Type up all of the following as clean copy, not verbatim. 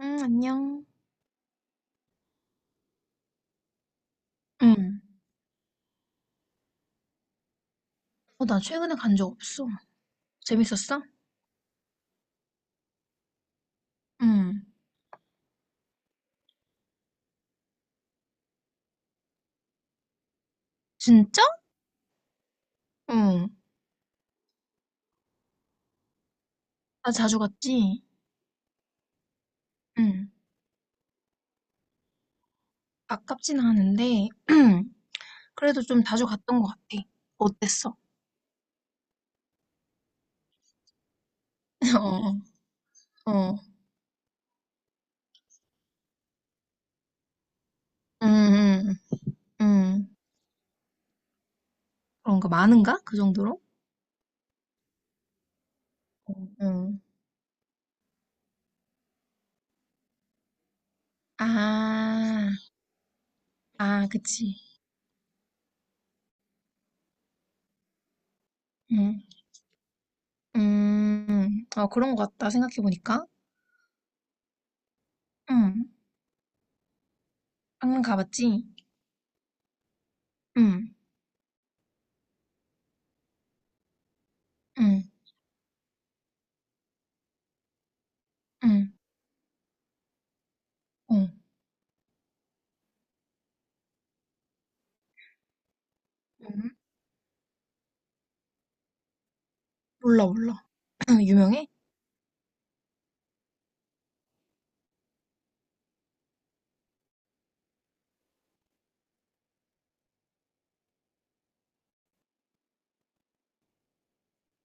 응, 안녕. 응. 어, 나 최근에 간 적 없어. 재밌었어? 응. 진짜? 응. 나 자주 갔지? 응. 아깝진 않은데, 그래도 좀 자주 갔던 것 같아. 어땠어? 어, 어. 응, 응, 응. 그런가? 많은가? 그 정도로? 응. 아, 아, 그치. 응. 아, 그런 것 같다. 생각해보니까. 응. 방금 가봤지? 응, 응, 응, 어. 응. 몰라, 몰라. 유명해?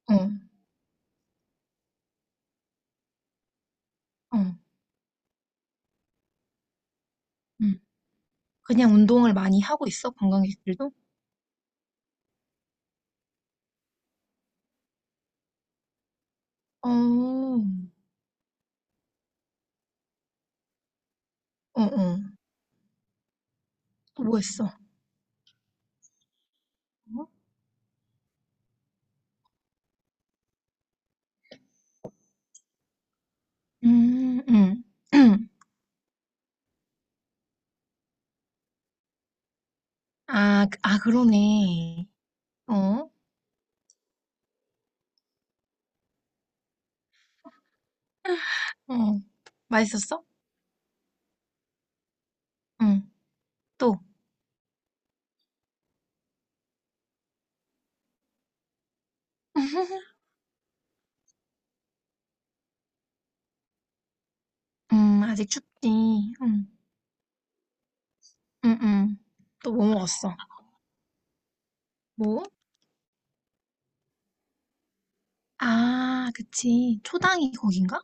어, 어, 음. 그냥 운동을 많이 하고 있어, 관광객들도? 어, 어, 어. 또 뭐 했어? 어? 음, 음. 아, 그- 아, 그러네. 어, 어. 맛있었어? 응, 또. 아직 춥지. 응, 응, 응. 또 뭐 먹었어? 뭐? 아, 그치. 초당이 거긴가?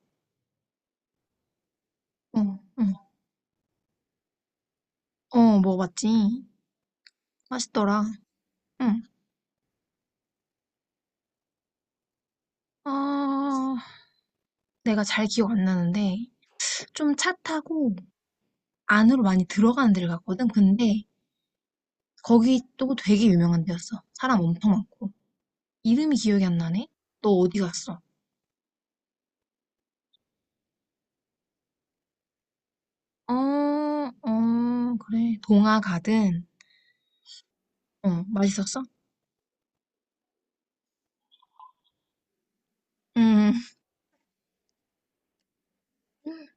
어, 응. 어, 먹어봤지. 맛있더라. 응. 아, 내가 잘 기억 안 나는데 좀 차 타고 안으로 많이 들어가는 데를 갔거든. 근데 거기 또 되게 유명한 데였어. 사람 엄청 많고. 이름이 기억이 안 나네? 너 어디 갔어? 어, 어, 그래. 동화 가든. 어, 맛있었어? 응,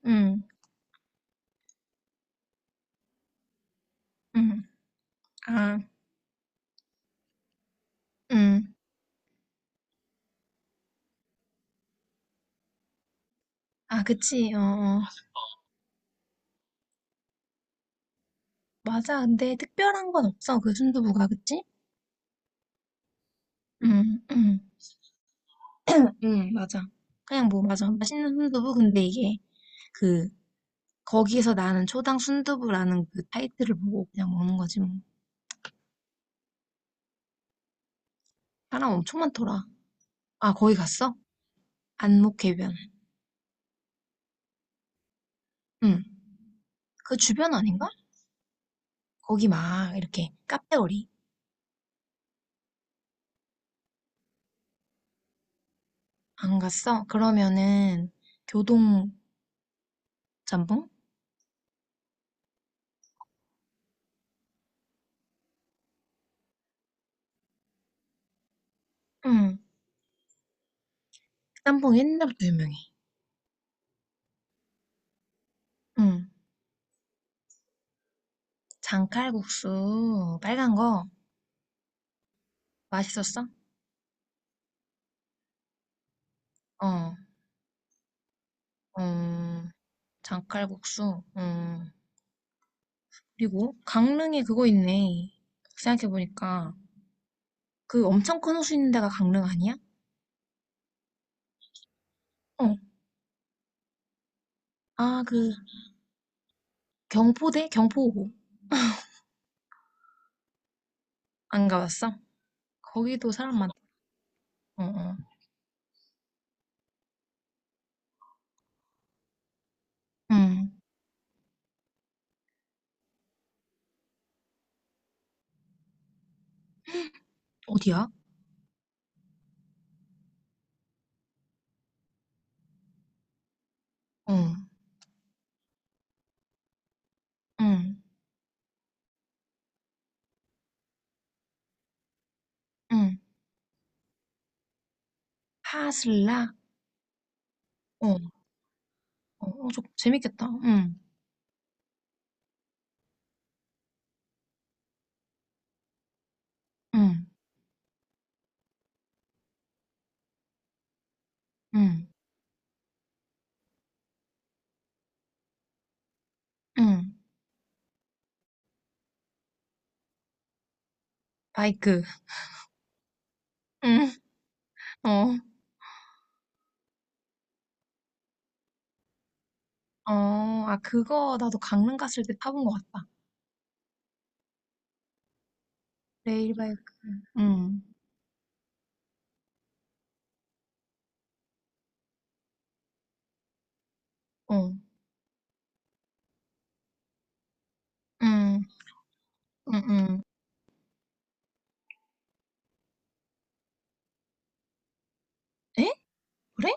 응, 응. 아, 응. 아, 그치. 어, 어. 맞아. 근데 특별한 건 없어. 그 순두부가, 그치? 응, 응. 응, 맞아. 그냥 뭐, 맞아. 맛있는 순두부. 근데 이게 그 거기에서 나는 초당 순두부라는 그 타이틀을 보고 그냥 먹는 거지 뭐. 사람 엄청 많더라. 아, 거기 갔어? 안목해변. 응. 그 주변 아닌가? 거기 막 이렇게 카페거리. 안 갔어? 그러면은 교동 짬뽕? 응. 그 짬뽕 옛날부터 유명해. 응. 장칼국수 빨간 거 맛있었어? 어. 어. 장칼국수. 어. 그리고 강릉에 그거 있네. 생각해보니까 그 엄청 큰 호수 있는 데가 강릉 아니야? 어. 아, 그 경포대? 경포호. 안 가봤어? 거기도 사람 많다. 어, 어. 응. 어디야? 어. 응. 응. 하슬라? 어. 어, 어, 저 재밌겠다. 응. 응. 응. 응. 바이크. 응. 어. 어. 아, 그거 나도 강릉 갔을 때 타본 것 같다. 레일 바이크. 응. 어. 응. 응. 응. 에? 그래?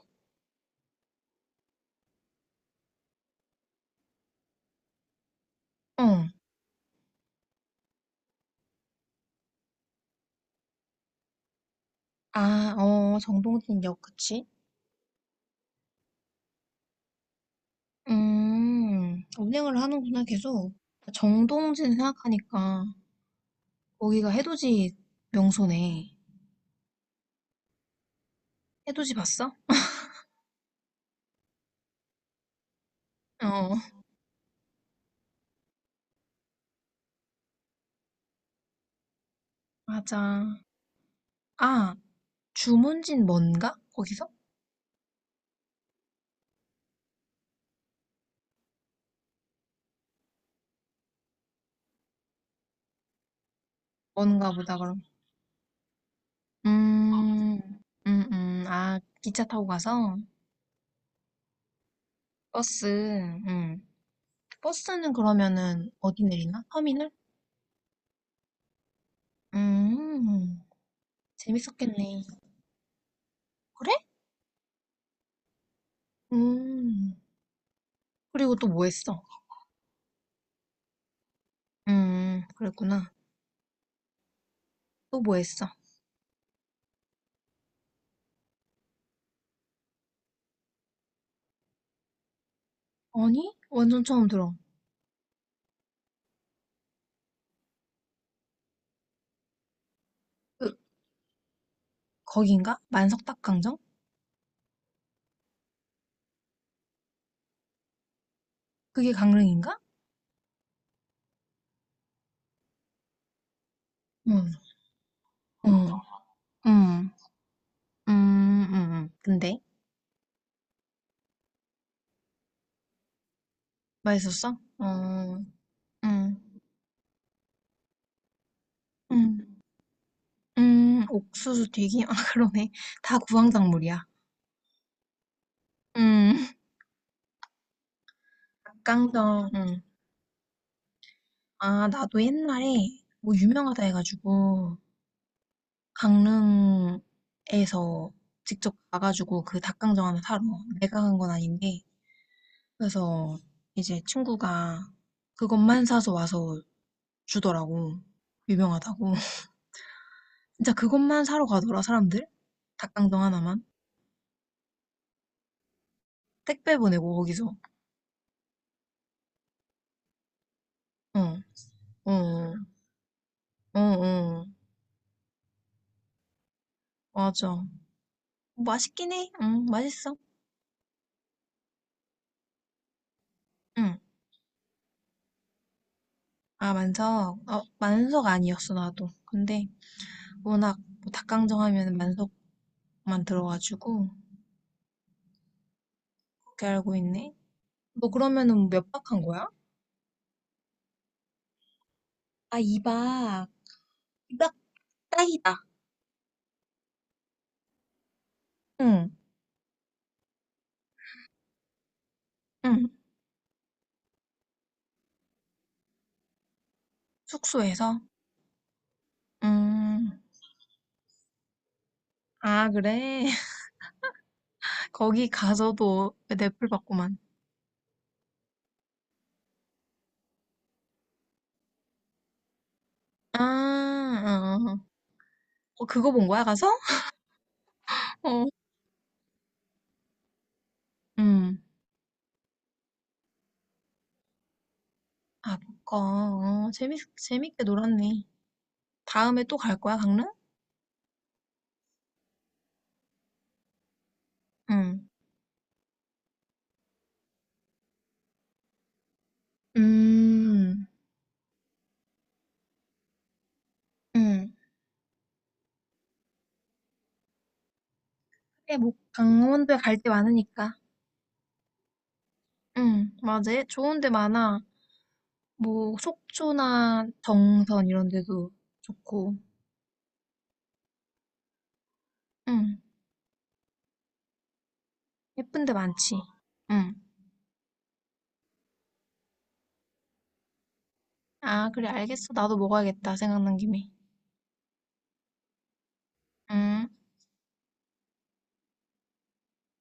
어. 아, 어, 정동진역, 그치? 음. 운행을 하는구나, 계속. 정동진 생각하니까 거기가 해돋이 명소네. 해돋이 봤어? 어, 맞아. 아, 주문진 뭔가? 거기서? 뭔가 보다, 그럼. 음, 아, 기차 타고 가서? 버스, 음. 버스는 그러면은 어디 내리나? 터미널? 음, 재밌었겠네. 그래? 음. 그리고 또 뭐 했어? 그랬구나. 또 뭐 했어? 아니? 완전 처음 들어. 그, 거긴가? 만석닭강정? 그게 강릉인가? 응, 응, 응, 음, 음, 근데? 맛있었어? 어, 응, 응, 응, 옥수수 튀김? 아, 그러네. 다 구황작물이야. 응, 닭강정, 응. 아, 나도 옛날에 뭐 유명하다 해가지고, 강릉에서 직접 가가지고 그 닭강정 하나 사러 내가 간 건 아닌데, 그래서 이제 친구가 그것만 사서 와서 주더라고. 유명하다고. 진짜 그것만 사러 가더라, 사람들. 닭강정 하나만. 택배 보내고, 거기서. 어, 어, 어, 어. 맞아. 맛있긴 해. 응, 맛있어. 응. 아, 만석. 어, 만석 아니었어, 나도. 근데 워낙 뭐 닭강정 하면 만석만 들어가지고, 그렇게 알고 있네. 너 그러면은 몇 박 한 거야? 아, 2박. 2박 딱이다. 응. 응. 숙소에서? 음. 아 그래? 거기 가서도 넷플 받고만. 아. 어어어. 어, 어, 그거 본 거야 가서? 어. 음. 아 그거. 어 재밌 재밌게 놀았네. 다음에 또 갈 거야 강릉? 응. 음. 응. 그래 뭐 강원도에 갈 데 많으니까. 응. 맞아. 좋은 데 많아. 뭐 속초나 정선 이런 데도 좋고. 응. 예쁜 데 많지. 응. 아, 그래, 알겠어. 나도 먹어야겠다. 생각난 김에. 음.